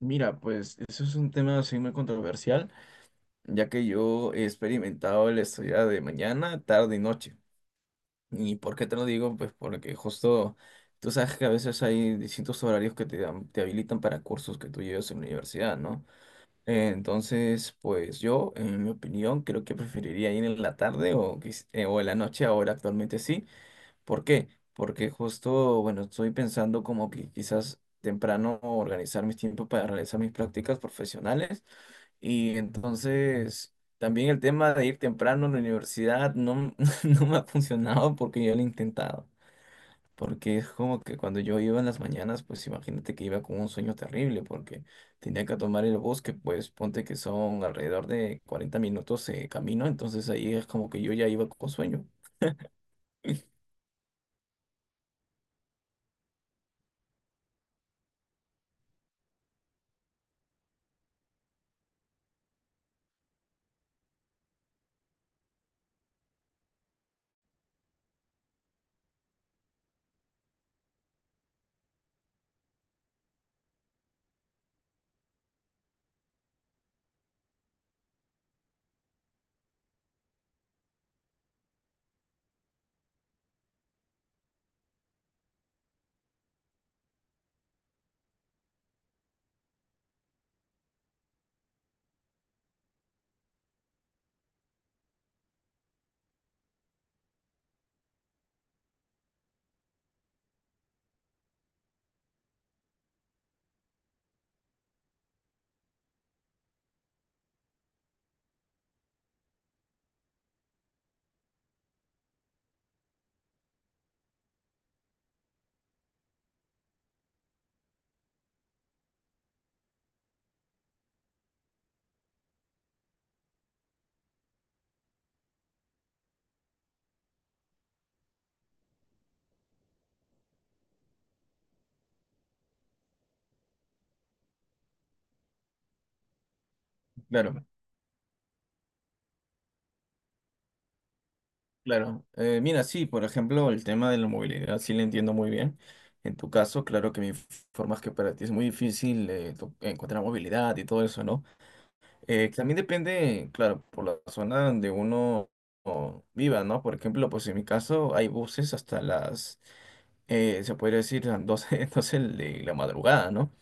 Mira, pues eso es un tema así muy controversial, ya que yo he experimentado el estudiar de mañana, tarde y noche. ¿Y por qué te lo digo? Pues porque justo tú sabes que a veces hay distintos horarios que te habilitan para cursos que tú llevas en la universidad, ¿no? Entonces, pues yo, en mi opinión, creo que preferiría ir en la tarde o, o en la noche ahora actualmente sí. ¿Por qué? Porque justo, bueno, estoy pensando como que quizás temprano organizar mis tiempos para realizar mis prácticas profesionales y entonces también el tema de ir temprano a la universidad no, no me ha funcionado porque yo lo he intentado. Porque es como que cuando yo iba en las mañanas, pues imagínate que iba con un sueño terrible porque tenía que tomar el bus, que pues ponte que son alrededor de 40 minutos de camino, entonces ahí es como que yo ya iba con sueño. Claro, claro. Mira, sí, por ejemplo, el tema de la movilidad sí lo entiendo muy bien. En tu caso, claro que mi forma que para ti es muy difícil encontrar movilidad y todo eso, ¿no? También depende, claro, por la zona donde viva, ¿no? Por ejemplo, pues en mi caso hay buses hasta las, se podría decir, las 12 12 de la madrugada, ¿no?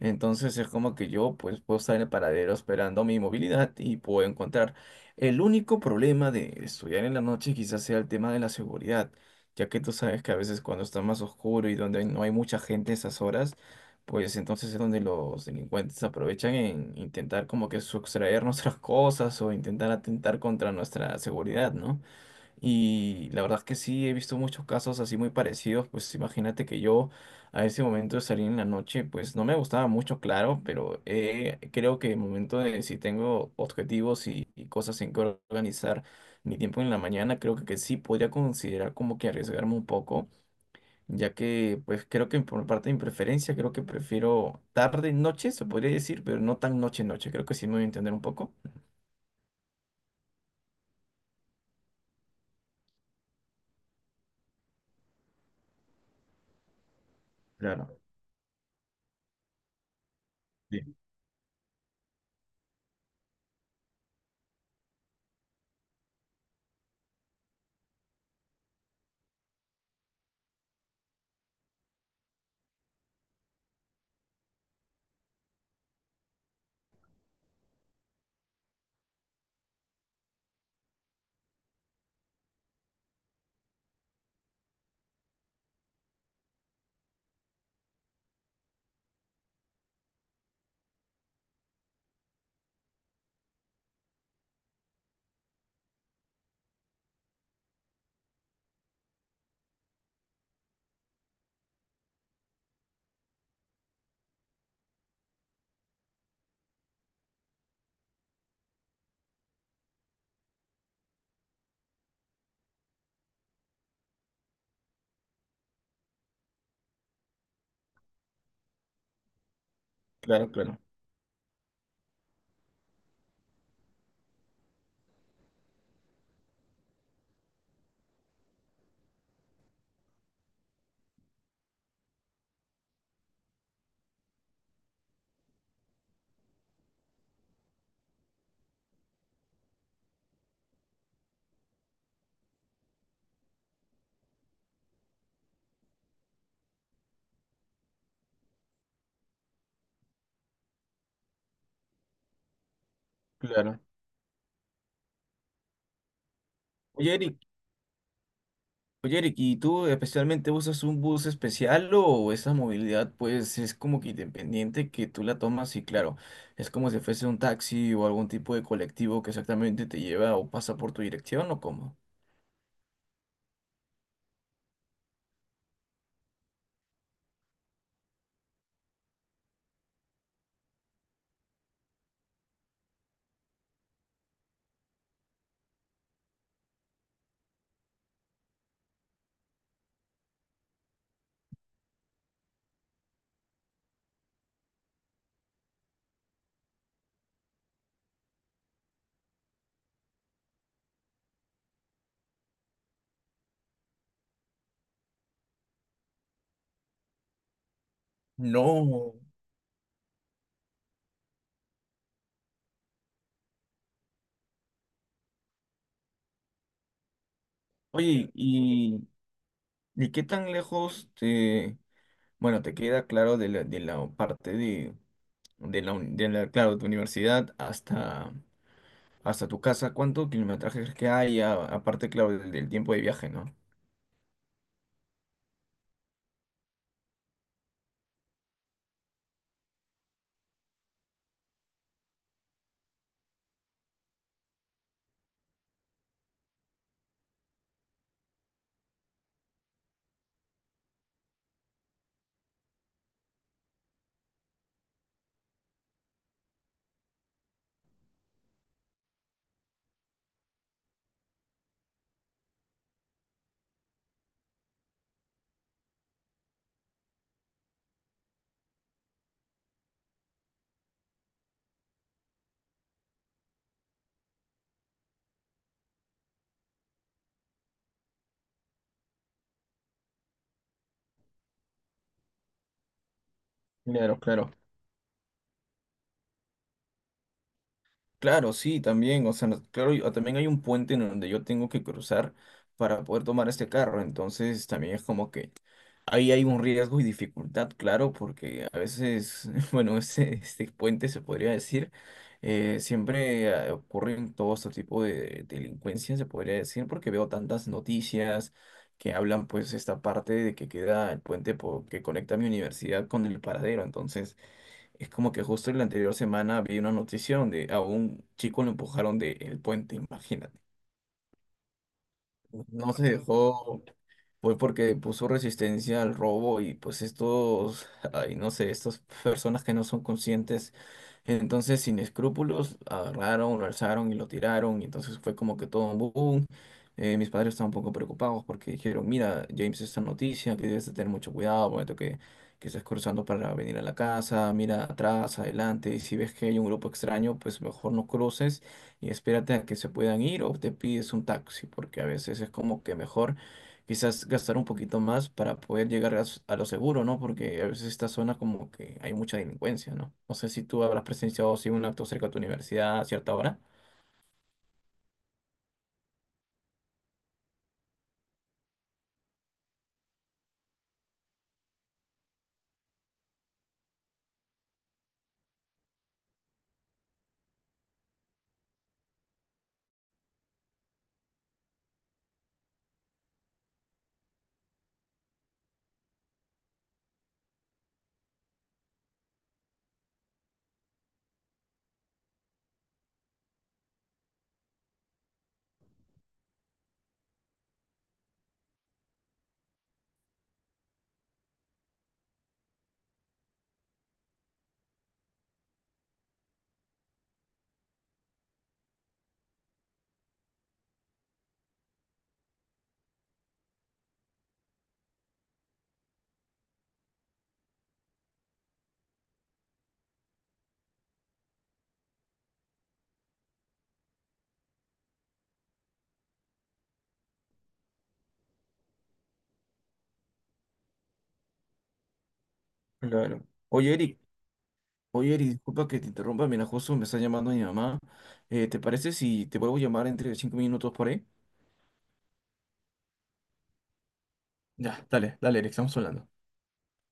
Entonces es como que yo pues puedo estar en el paradero esperando mi movilidad y puedo encontrar. El único problema de estudiar en la noche quizás sea el tema de la seguridad, ya que tú sabes que a veces cuando está más oscuro y donde no hay mucha gente a esas horas, pues entonces es donde los delincuentes aprovechan en intentar como que sustraer nuestras cosas o intentar atentar contra nuestra seguridad, ¿no? Y la verdad es que sí, he visto muchos casos así muy parecidos. Pues imagínate que yo a ese momento de salir en la noche, pues no me gustaba mucho, claro, pero creo que el momento de si tengo objetivos y cosas en que organizar mi tiempo en la mañana, creo que sí podría considerar como que arriesgarme un poco, ya que pues creo que por parte de mi preferencia, creo que prefiero tarde, noche, se podría decir, pero no tan noche, noche. Creo que sí me voy a entender un poco. Claro, sí, claro, claro, claro. Oye, Eric. Oye, Eric, ¿y tú especialmente usas un bus especial o esa movilidad pues es como que independiente que tú la tomas y claro, es como si fuese un taxi o algún tipo de colectivo que exactamente te lleva o pasa por tu dirección o cómo? No. Oye, ¿y qué tan lejos te, bueno, te queda claro de la parte de la, claro, de tu universidad hasta, tu casa? ¿Cuánto kilometraje crees que hay? Aparte, claro, del tiempo de viaje, ¿no? Claro, claro. Claro, sí, también, o sea, claro, también hay un puente en donde yo tengo que cruzar para poder tomar este carro, entonces también es como que ahí hay un riesgo y dificultad, claro, porque a veces, bueno, este puente se podría decir, siempre ocurren todo este tipo de delincuencia, se podría decir, porque veo tantas noticias que hablan pues esta parte de que queda el puente que conecta mi universidad con el paradero, entonces... Es como que justo en la anterior semana vi una noticia donde a un chico lo empujaron del puente, imagínate. No se dejó, fue porque puso resistencia al robo y pues ay, no sé, estas personas que no son conscientes, entonces sin escrúpulos, agarraron, lo alzaron y lo tiraron y entonces fue como que todo un boom. Mis padres estaban un poco preocupados porque dijeron, mira, James, esta noticia, que debes de tener mucho cuidado, momento que, estás cruzando para venir a la casa, mira atrás, adelante, y si ves que hay un grupo extraño, pues mejor no cruces y espérate a que se puedan ir o te pides un taxi, porque a veces es como que mejor quizás gastar un poquito más para poder llegar a lo seguro, ¿no? Porque a veces esta zona como que hay mucha delincuencia, ¿no? No sé si tú habrás presenciado así un acto cerca de tu universidad a cierta hora. Claro. Oye, Eric. Oye, Eric. Disculpa que te interrumpa, mira, justo me está llamando mi mamá. ¿Te parece si te vuelvo a llamar entre 5 minutos por ahí? Ya, dale, dale, Eric, estamos hablando.